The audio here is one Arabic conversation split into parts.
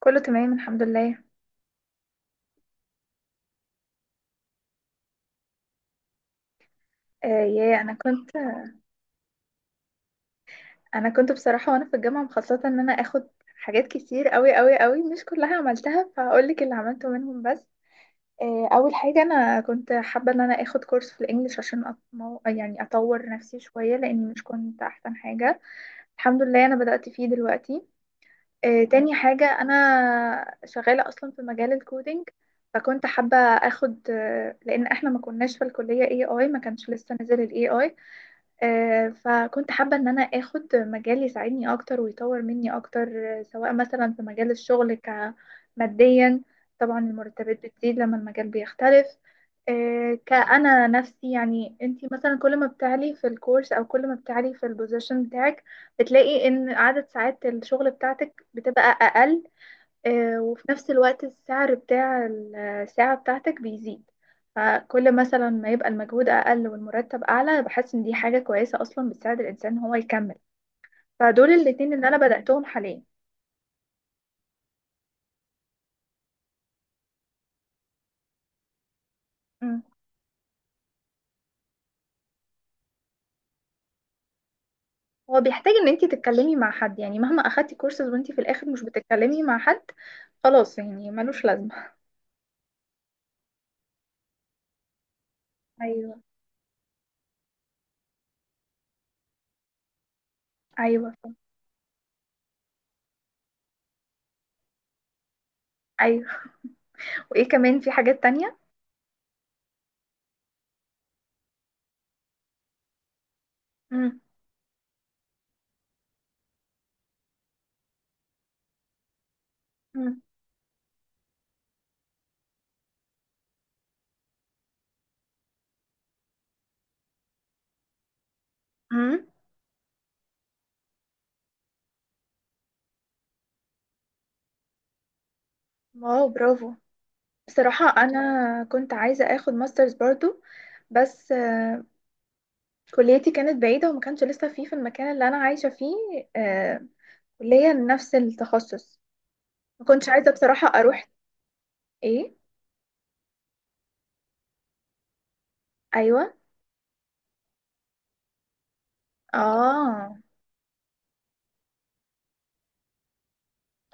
كله تمام الحمد لله. آه يا انا كنت بصراحه وانا في الجامعه مخططه ان انا اخد حاجات كتير قوي قوي قوي، مش كلها عملتها فهقول لك اللي عملته منهم بس. اول حاجه انا كنت حابه ان انا اخد كورس في الانجليش عشان يعني اطور نفسي شويه لاني مش كنت احسن حاجه. الحمد لله انا بدات فيه دلوقتي. تاني حاجه انا شغاله اصلا في مجال الكودينج. فكنت حابه اخد، لان احنا ما كناش في الكليه اي اي، ما كانش لسه نزل الاي اي. فكنت حابة إن أنا آخد مجال يساعدني أكتر ويطور مني أكتر، سواء مثلا في مجال الشغل ماديا. طبعا المرتبات بتزيد لما المجال بيختلف. كأنا نفسي، يعني أنتي مثلا كل ما بتعلي في الكورس أو كل ما بتعلي في البوزيشن بتاعك بتلاقي إن عدد ساعات الشغل بتاعتك بتبقى أقل. وفي نفس الوقت السعر بتاع الساعة بتاعتك بيزيد. فكل مثلا ما يبقى المجهود أقل والمرتب أعلى بحس إن دي حاجة كويسة أصلا بتساعد الإنسان إن هو يكمل. فدول الاتنين اللي أنا بدأتهم حاليا. مم. هو بيحتاج إن أنتي تتكلمي مع حد، يعني مهما أخدتي كورسز وأنتي في الآخر مش بتتكلمي مع حد خلاص يعني ملوش لازمة. ايوه. أيوه، أيوه. وإيه كمان في حاجات تانية؟ مم. مم. مم. واو، برافو. بصراحة أنا كنت عايزة أخد ماسترز برضو. بس كليتي كانت بعيدة وما كانش لسه فيه في المكان اللي أنا عايشة فيه، آه، كلية نفس التخصص. ما كنتش عايزة بصراحة أروح. إيه. أيوة. آه.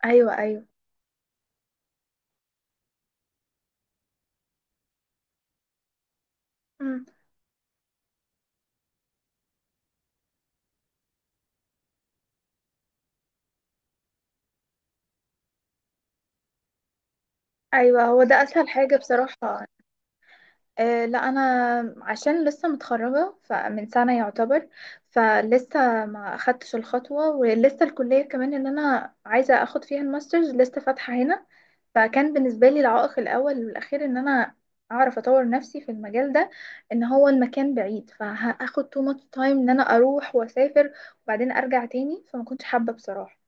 أيوة، أيوة. مم. أيوة، هو ده أسهل حاجة بصراحة. لا انا عشان لسه متخرجه فمن سنه يعتبر، فلسه ما اخدتش الخطوه، ولسه الكليه كمان اللي انا عايزه اخد فيها الماسترز لسه فاتحه هنا. فكان بالنسبه لي العائق الاول والاخير ان انا اعرف اطور نفسي في المجال ده، ان هو المكان بعيد فهاخد too much time ان انا اروح واسافر وبعدين ارجع تاني، فما كنتش حابه بصراحه.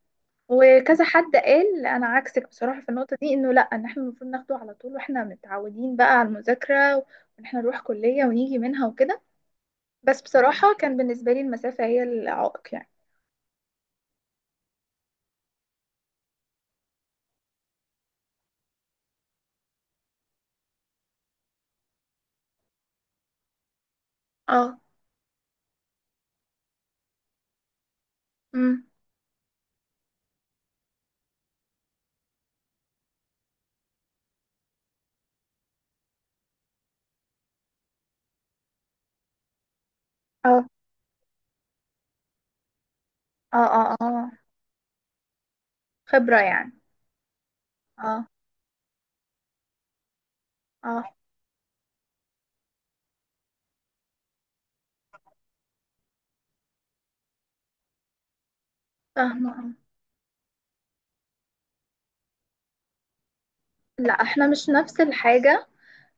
وكذا حد قال انا عكسك بصراحه في النقطه دي، انه لا، ان احنا المفروض ناخده على طول واحنا متعودين بقى على المذاكره، وان احنا نروح كليه ونيجي منها وكده. بس بصراحه كان بالنسبه لي المسافه هي العائق يعني. اه. امم. اه، اه، اه، اه. خبره يعني. اه، اه، فاهمه، اه. لا احنا مش نفس الحاجه.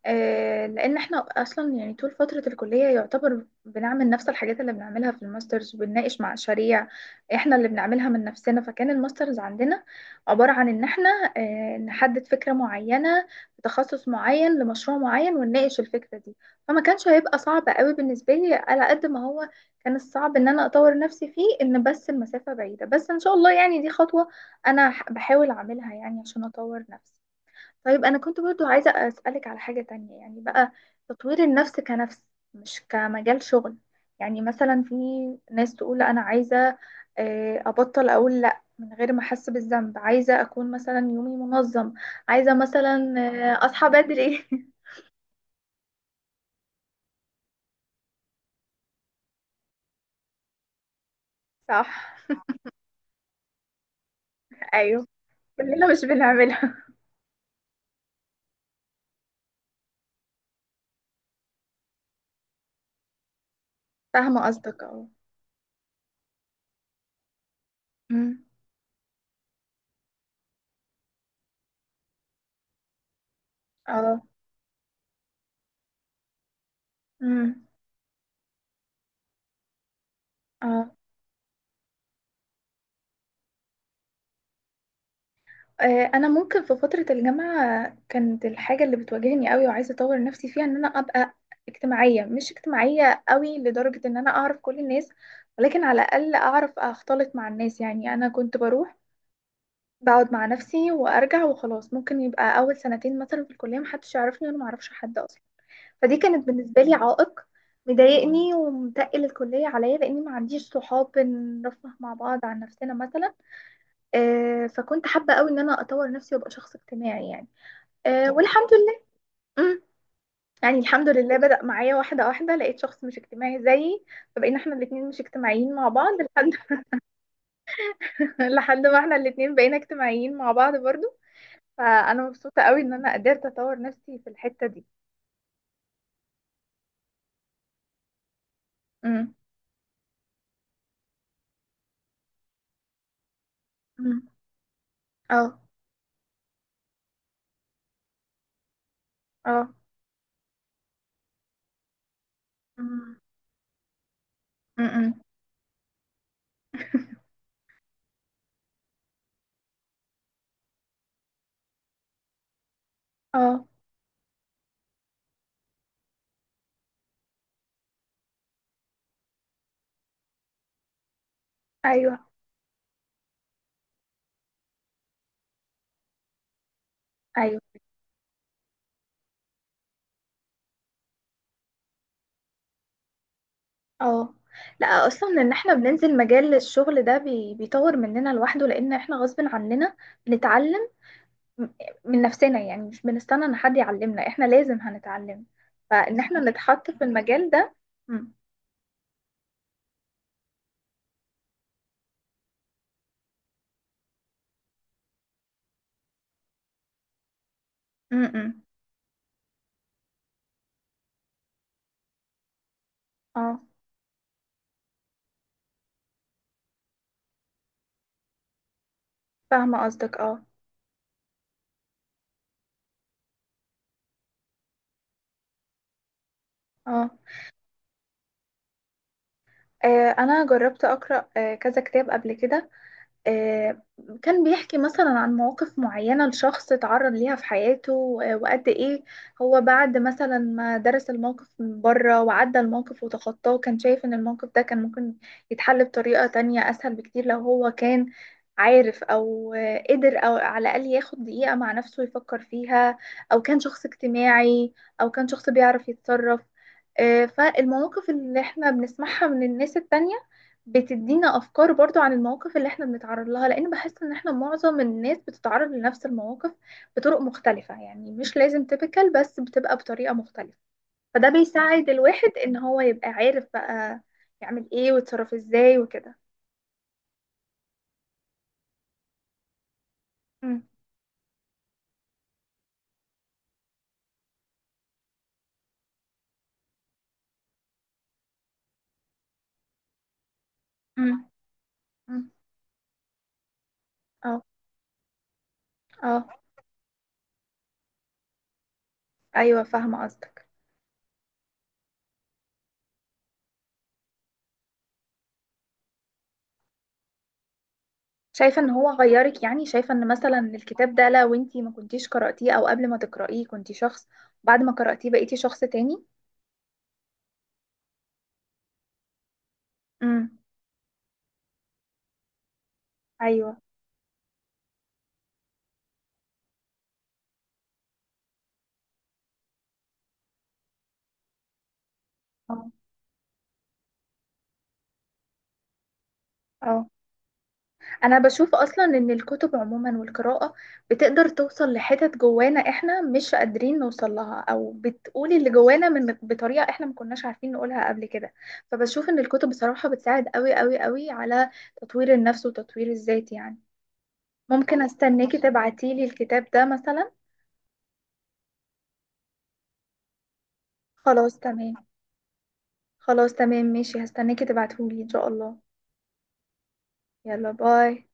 لان احنا اصلا يعني طول فتره الكليه يعتبر بنعمل نفس الحاجات اللي بنعملها في الماسترز، وبنناقش مع مشاريع احنا اللي بنعملها من نفسنا، فكان الماسترز عندنا عباره عن ان احنا نحدد فكره معينه بتخصص معين لمشروع معين ونناقش الفكره دي. فما كانش هيبقى صعب قوي بالنسبه لي، على قد ما هو كان الصعب ان انا اطور نفسي فيه، ان بس المسافه بعيده، بس ان شاء الله يعني دي خطوه انا بحاول اعملها يعني عشان اطور نفسي. طيب أنا كنت برضو عايزة أسألك على حاجة تانية يعني بقى، تطوير النفس كنفس مش كمجال شغل. يعني مثلا في ناس تقول لا، أنا عايزة أبطل أقول لأ من غير ما أحس بالذنب، عايزة أكون مثلا يومي منظم، عايزة مثلا أصحى بدري. صح. أيوه، كلنا مش بنعملها. فاهمة قصدك، اه. أمم. اه. أمم. اه. انا ممكن في فتره الجامعه كانت الحاجه اللي بتواجهني قوي وعايزه اطور نفسي فيها ان انا ابقى اجتماعيه، مش اجتماعيه قوي لدرجه ان انا اعرف كل الناس، ولكن على الاقل اعرف اختلط مع الناس. يعني انا كنت بروح بقعد مع نفسي وارجع وخلاص. ممكن يبقى اول سنتين مثلا في الكليه محدش يعرفني وانا معرفش حد اصلا. فدي كانت بالنسبه لي عائق، مضايقني ومتقل الكليه عليا لاني ما عنديش صحاب نرفه مع بعض عن نفسنا مثلا. فكنت حابه قوي ان انا اطور نفسي وابقى شخص اجتماعي يعني. آه، والحمد لله. مم. يعني الحمد لله بدأ معايا واحدة واحدة، لقيت شخص مش اجتماعي زيي، فبقينا احنا الاتنين مش اجتماعيين مع بعض لحد. لحد ما احنا الاتنين بقينا اجتماعيين مع بعض برضو. فأنا مبسوطة قوي ان انا قدرت اطور نفسي في الحتة دي. مم. مم. اه. اه. مم. مم. اه. ايوه، ايوه. اه، لا اصلا ان احنا بننزل مجال الشغل ده بيطور مننا لوحده لان احنا غصب عننا بنتعلم م- من نفسنا، يعني مش بنستنى ان حد يعلمنا، احنا لازم هنتعلم. فان احنا صح نتحط في المجال ده. م- م- م. اه، فاهمة قصدك، اه، اه. انا جربت اقرا كذا كتاب قبل كده. آه، كان بيحكي مثلا عن مواقف معينة لشخص اتعرض ليها في حياته، وقد ايه هو بعد مثلا ما درس الموقف من بره وعدى الموقف وتخطاه كان شايف ان الموقف ده كان ممكن يتحل بطريقة تانية اسهل بكتير لو هو كان عارف او قدر، او على الاقل ياخد دقيقة مع نفسه يفكر فيها، او كان شخص اجتماعي، او كان شخص بيعرف يتصرف. فالمواقف اللي احنا بنسمعها من الناس التانية بتدينا افكار برضو عن المواقف اللي احنا بنتعرض لها، لان بحس ان احنا معظم الناس بتتعرض لنفس المواقف بطرق مختلفة، يعني مش لازم تيبيكال، بس بتبقى بطريقة مختلفة. فده بيساعد الواحد ان هو يبقى عارف بقى يعمل ايه ويتصرف ازاي وكده. مم. مم. مم. اه. اه. ايوه، فاهمة قصدك. شايفة ان هو غيرك، يعني شايفة ان مثلا الكتاب ده لو انتي ما كنتيش قرأتيه او قبل ما تقرأيه كنتي شخص، بعد ما قرأتيه بقيتي شخص تاني. امم. ايوه. اه. اه، انا بشوف اصلا ان الكتب عموما والقراءة بتقدر توصل لحتت جوانا احنا مش قادرين نوصل لها، او بتقول اللي جوانا من بطريقة احنا ما كناش عارفين نقولها قبل كده. فبشوف ان الكتب بصراحة بتساعد قوي قوي قوي على تطوير النفس وتطوير الذات يعني. ممكن استناكي تبعتيلي الكتاب ده مثلا. خلاص تمام. خلاص تمام ماشي، هستناكي تبعتهولي ان شاء الله. يلا، باي.